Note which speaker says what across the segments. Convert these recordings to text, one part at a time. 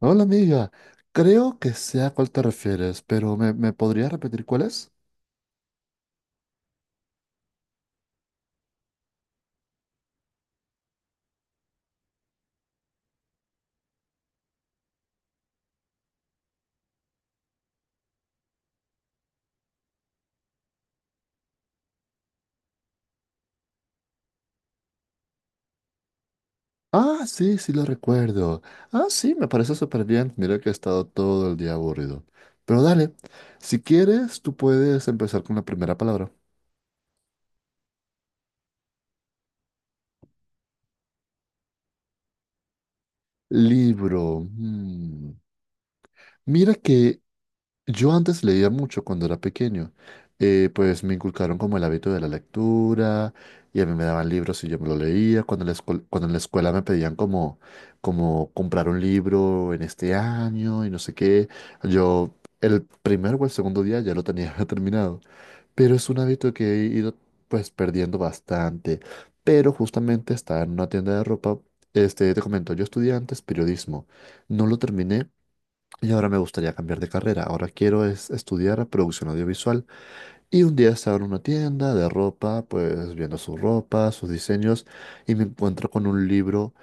Speaker 1: Hola amiga, creo que sé a cuál te refieres, pero ¿me podrías repetir cuál es? Ah, sí, sí lo recuerdo. Ah, sí, me parece súper bien. Mira que he estado todo el día aburrido. Pero dale, si quieres, tú puedes empezar con la primera palabra. Libro. Mm. Mira que yo antes leía mucho cuando era pequeño. Pues me inculcaron como el hábito de la lectura y a mí me daban libros y yo me lo leía. Cuando en la escuela me pedían como comprar un libro en este año y no sé qué, yo el primer o el segundo día ya lo tenía terminado. Pero es un hábito que he ido pues perdiendo bastante. Pero justamente estaba en una tienda de ropa. Te comento, yo estudié antes periodismo. No lo terminé y ahora me gustaría cambiar de carrera. Ahora quiero es estudiar producción audiovisual. Y un día estaba en una tienda de ropa, pues viendo su ropa, sus diseños, y me encuentro con un libro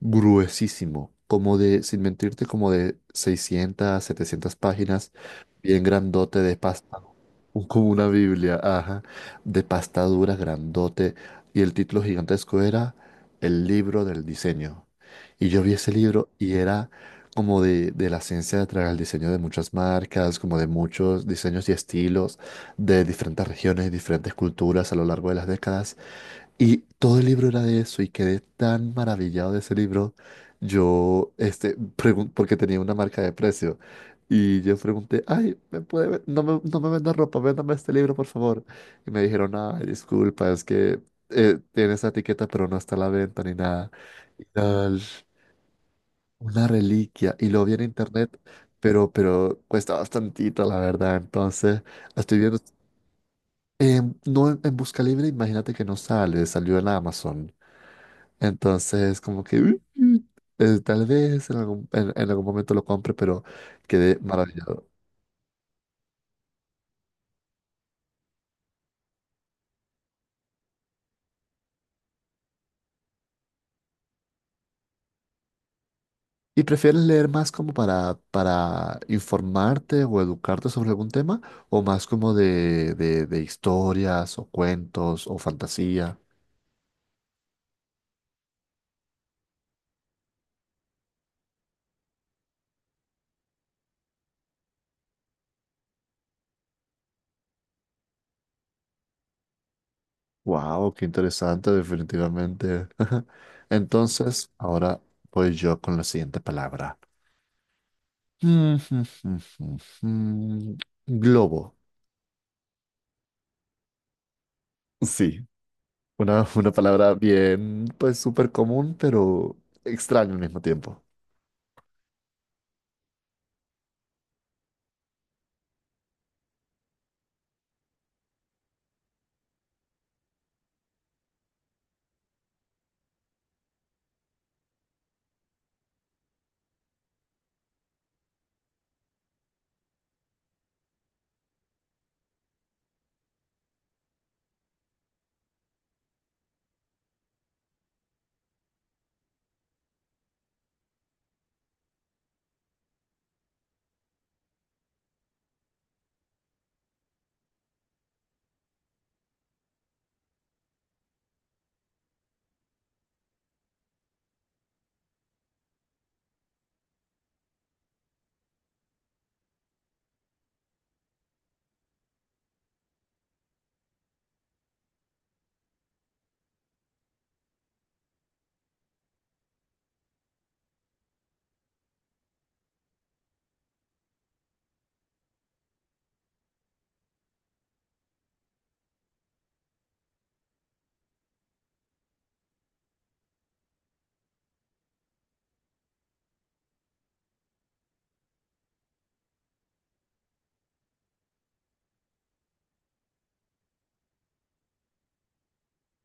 Speaker 1: gruesísimo, como de, sin mentirte, como de 600 700 páginas, bien grandote de pasta, como una Biblia, ajá, de pasta dura, grandote, y el título gigantesco era El libro del diseño. Y yo vi ese libro y era como de, la ciencia detrás del diseño de muchas marcas, como de muchos diseños y estilos de diferentes regiones, diferentes culturas a lo largo de las décadas. Y todo el libro era de eso y quedé tan maravillado de ese libro. Porque tenía una marca de precio. Y yo pregunté, ay, ¿me puede no me venda ropa, véndame este libro, por favor? Y me dijeron, ay, disculpa, es que tiene esa etiqueta, pero no está a la venta ni nada. Y era una reliquia. Y lo vi en internet, pero cuesta bastantito, la verdad. Entonces, estoy viendo no, en Busca Libre, imagínate que no sale, salió en Amazon. Entonces, como que "uh, tal vez en algún momento lo compre, pero quedé maravillado. ¿Y prefieres leer más como para, informarte o educarte sobre algún tema? ¿O más como de historias o cuentos o fantasía? ¡Wow! ¡Qué interesante, definitivamente! Entonces, ahora voy yo con la siguiente palabra. Mm, mm, mm, mm, mm. Globo. Sí, una palabra bien, pues súper común, pero extraña al mismo tiempo.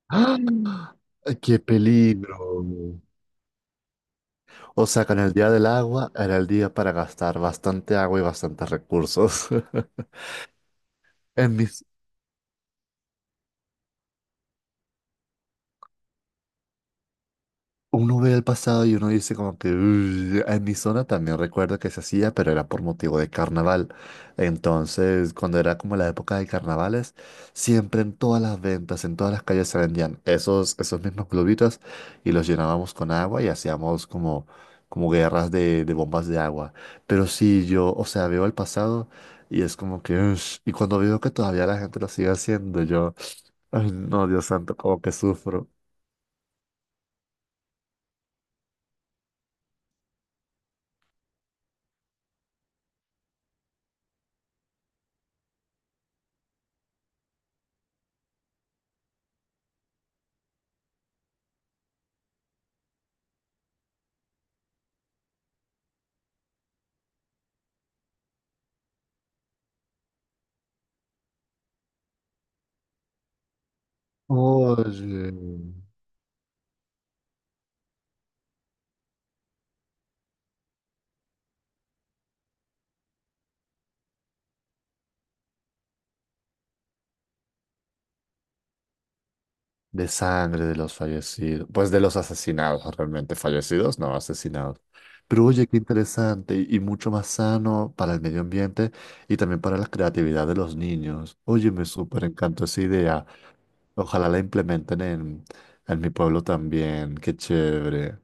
Speaker 1: ¡Ah! ¡Qué peligro! O sea, con el día del agua era el día para gastar bastante agua y bastantes recursos. En mis, Uno ve el pasado y uno dice como que "uy". En mi zona también recuerdo que se hacía, pero era por motivo de carnaval. Entonces, cuando era como la época de carnavales, siempre en todas las ventas, en todas las calles se vendían esos mismos globitos y los llenábamos con agua y hacíamos como guerras de, bombas de agua. Pero sí, yo, o sea, veo el pasado y es como que, "ush". Y cuando veo que todavía la gente lo sigue haciendo, yo, ay, no, Dios santo, como que sufro. Oye. De sangre de los fallecidos. Pues de los asesinados, realmente. Fallecidos, no, asesinados. Pero oye, qué interesante y mucho más sano para el medio ambiente y también para la creatividad de los niños. Oye, me súper encantó esa idea. Ojalá la implementen en, mi pueblo también. Qué chévere.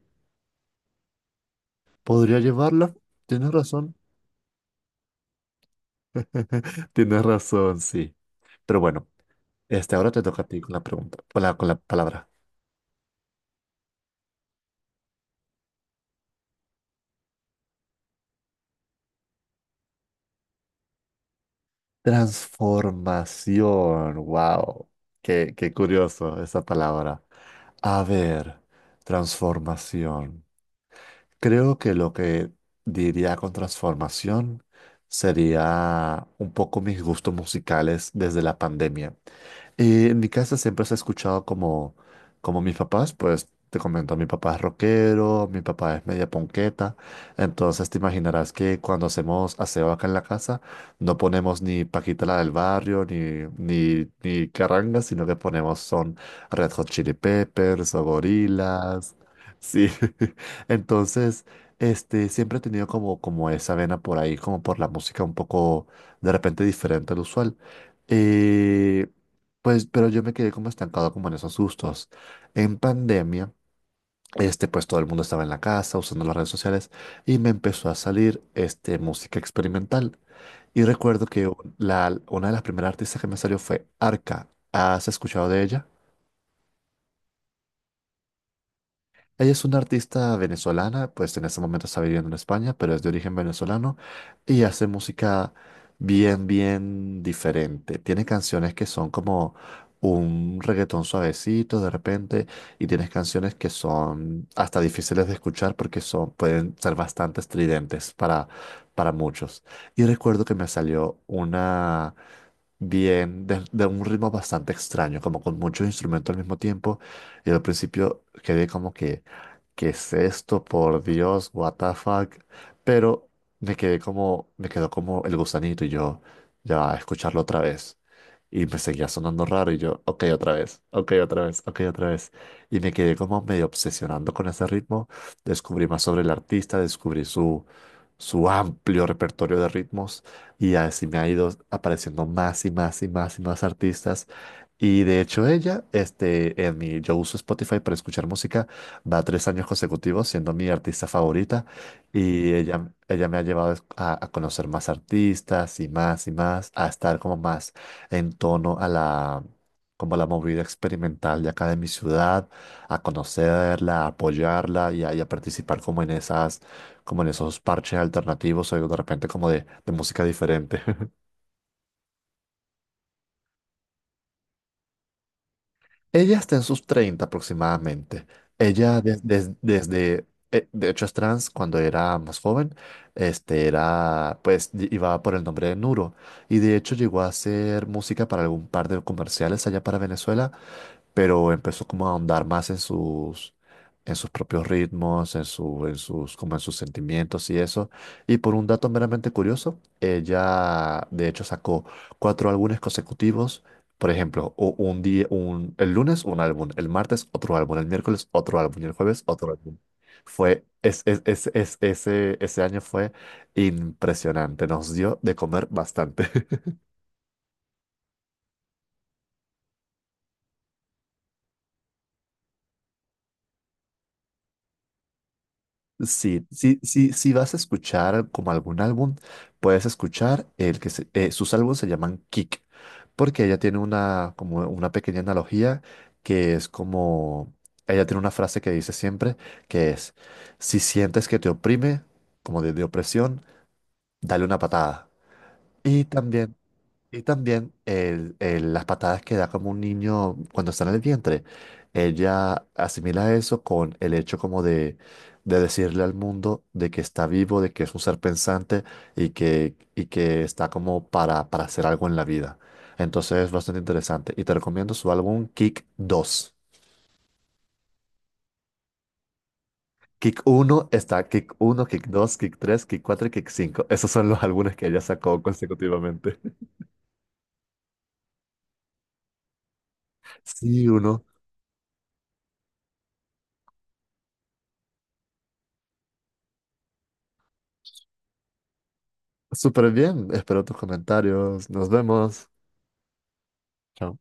Speaker 1: ¿Podría llevarla? Tienes razón. Tienes razón, sí. Pero bueno, ahora te toca a ti con la pregunta, con la, palabra. Transformación, wow, qué curioso esa palabra. A ver, transformación. Creo que lo que diría con transformación sería un poco mis gustos musicales desde la pandemia. Y en mi casa siempre se ha escuchado como mis papás, pues te comento, mi papá es rockero, mi papá es media ponqueta, entonces te imaginarás que cuando hacemos aseo acá en la casa no ponemos ni Paquita la del barrio, ni carranga, sino que ponemos son Red Hot Chili Peppers o Gorillaz, sí. Entonces, siempre he tenido como esa vena por ahí, como por la música un poco de repente diferente al usual. Eh, pues, pero yo me quedé como estancado como en esos gustos. En pandemia, pues todo el mundo estaba en la casa usando las redes sociales y me empezó a salir música experimental. Y recuerdo que una de las primeras artistas que me salió fue Arca. ¿Has escuchado de ella? Ella es una artista venezolana, pues en este momento está viviendo en España, pero es de origen venezolano y hace música bien, bien diferente. Tiene canciones que son como un reggaetón suavecito de repente y tienes canciones que son hasta difíciles de escuchar porque son, pueden ser bastante estridentes para, muchos. Y recuerdo que me salió una bien, de un ritmo bastante extraño, como con muchos instrumentos al mismo tiempo. Y al principio quedé como que, ¿qué es esto? Por Dios, what the fuck. Pero me quedé como, me quedó como el gusanito y yo, ya, va, escucharlo otra vez. Y me seguía sonando raro y yo, ok, otra vez, ok, otra vez, ok, otra vez. Y me quedé como medio obsesionando con ese ritmo. Descubrí más sobre el artista, descubrí su, amplio repertorio de ritmos y así me ha ido apareciendo más y más y más y más artistas. Y de hecho ella, este, en mi, yo uso Spotify para escuchar música. Va 3 años consecutivos siendo mi artista favorita, y ella me ha llevado a, conocer más artistas y más, a estar como más en tono como a la movida experimental de acá de mi ciudad, a conocerla, a apoyarla y a participar como como en esos parches alternativos o de repente como de música diferente. Ella está en sus 30 aproximadamente. Ella de hecho es trans. Cuando era más joven, era, pues, iba por el nombre de Nuro y de hecho llegó a hacer música para algún par de comerciales allá para Venezuela, pero empezó como a ahondar más en sus propios ritmos, en su, en sus, como en sus sentimientos y eso. Y por un dato meramente curioso, ella de hecho sacó cuatro álbumes consecutivos. Por ejemplo, un día, el lunes un álbum, el martes otro álbum, el miércoles otro álbum y el jueves otro álbum. Fue, es- ese año fue impresionante, nos dio de comer bastante. Sí, sí, sí, sí vas a escuchar como algún álbum, puedes escuchar el que sus álbumes se llaman Kick, porque ella tiene una como una pequeña analogía que es como ella tiene una frase que dice siempre que es si sientes que te oprime, como de, opresión, dale una patada. Y también y también las patadas que da como un niño cuando está en el vientre. Ella asimila eso con el hecho como de, decirle al mundo de que está vivo, de que es un ser pensante y que está como para hacer algo en la vida. Entonces es bastante interesante. Y te recomiendo su álbum Kick dos. Kick uno, Kick dos, Kick tres, Kick 4 y Kick cinco. Esos son los álbumes que ella sacó consecutivamente. Sí, uno. Súper bien. Espero tus comentarios. Nos vemos. Chao.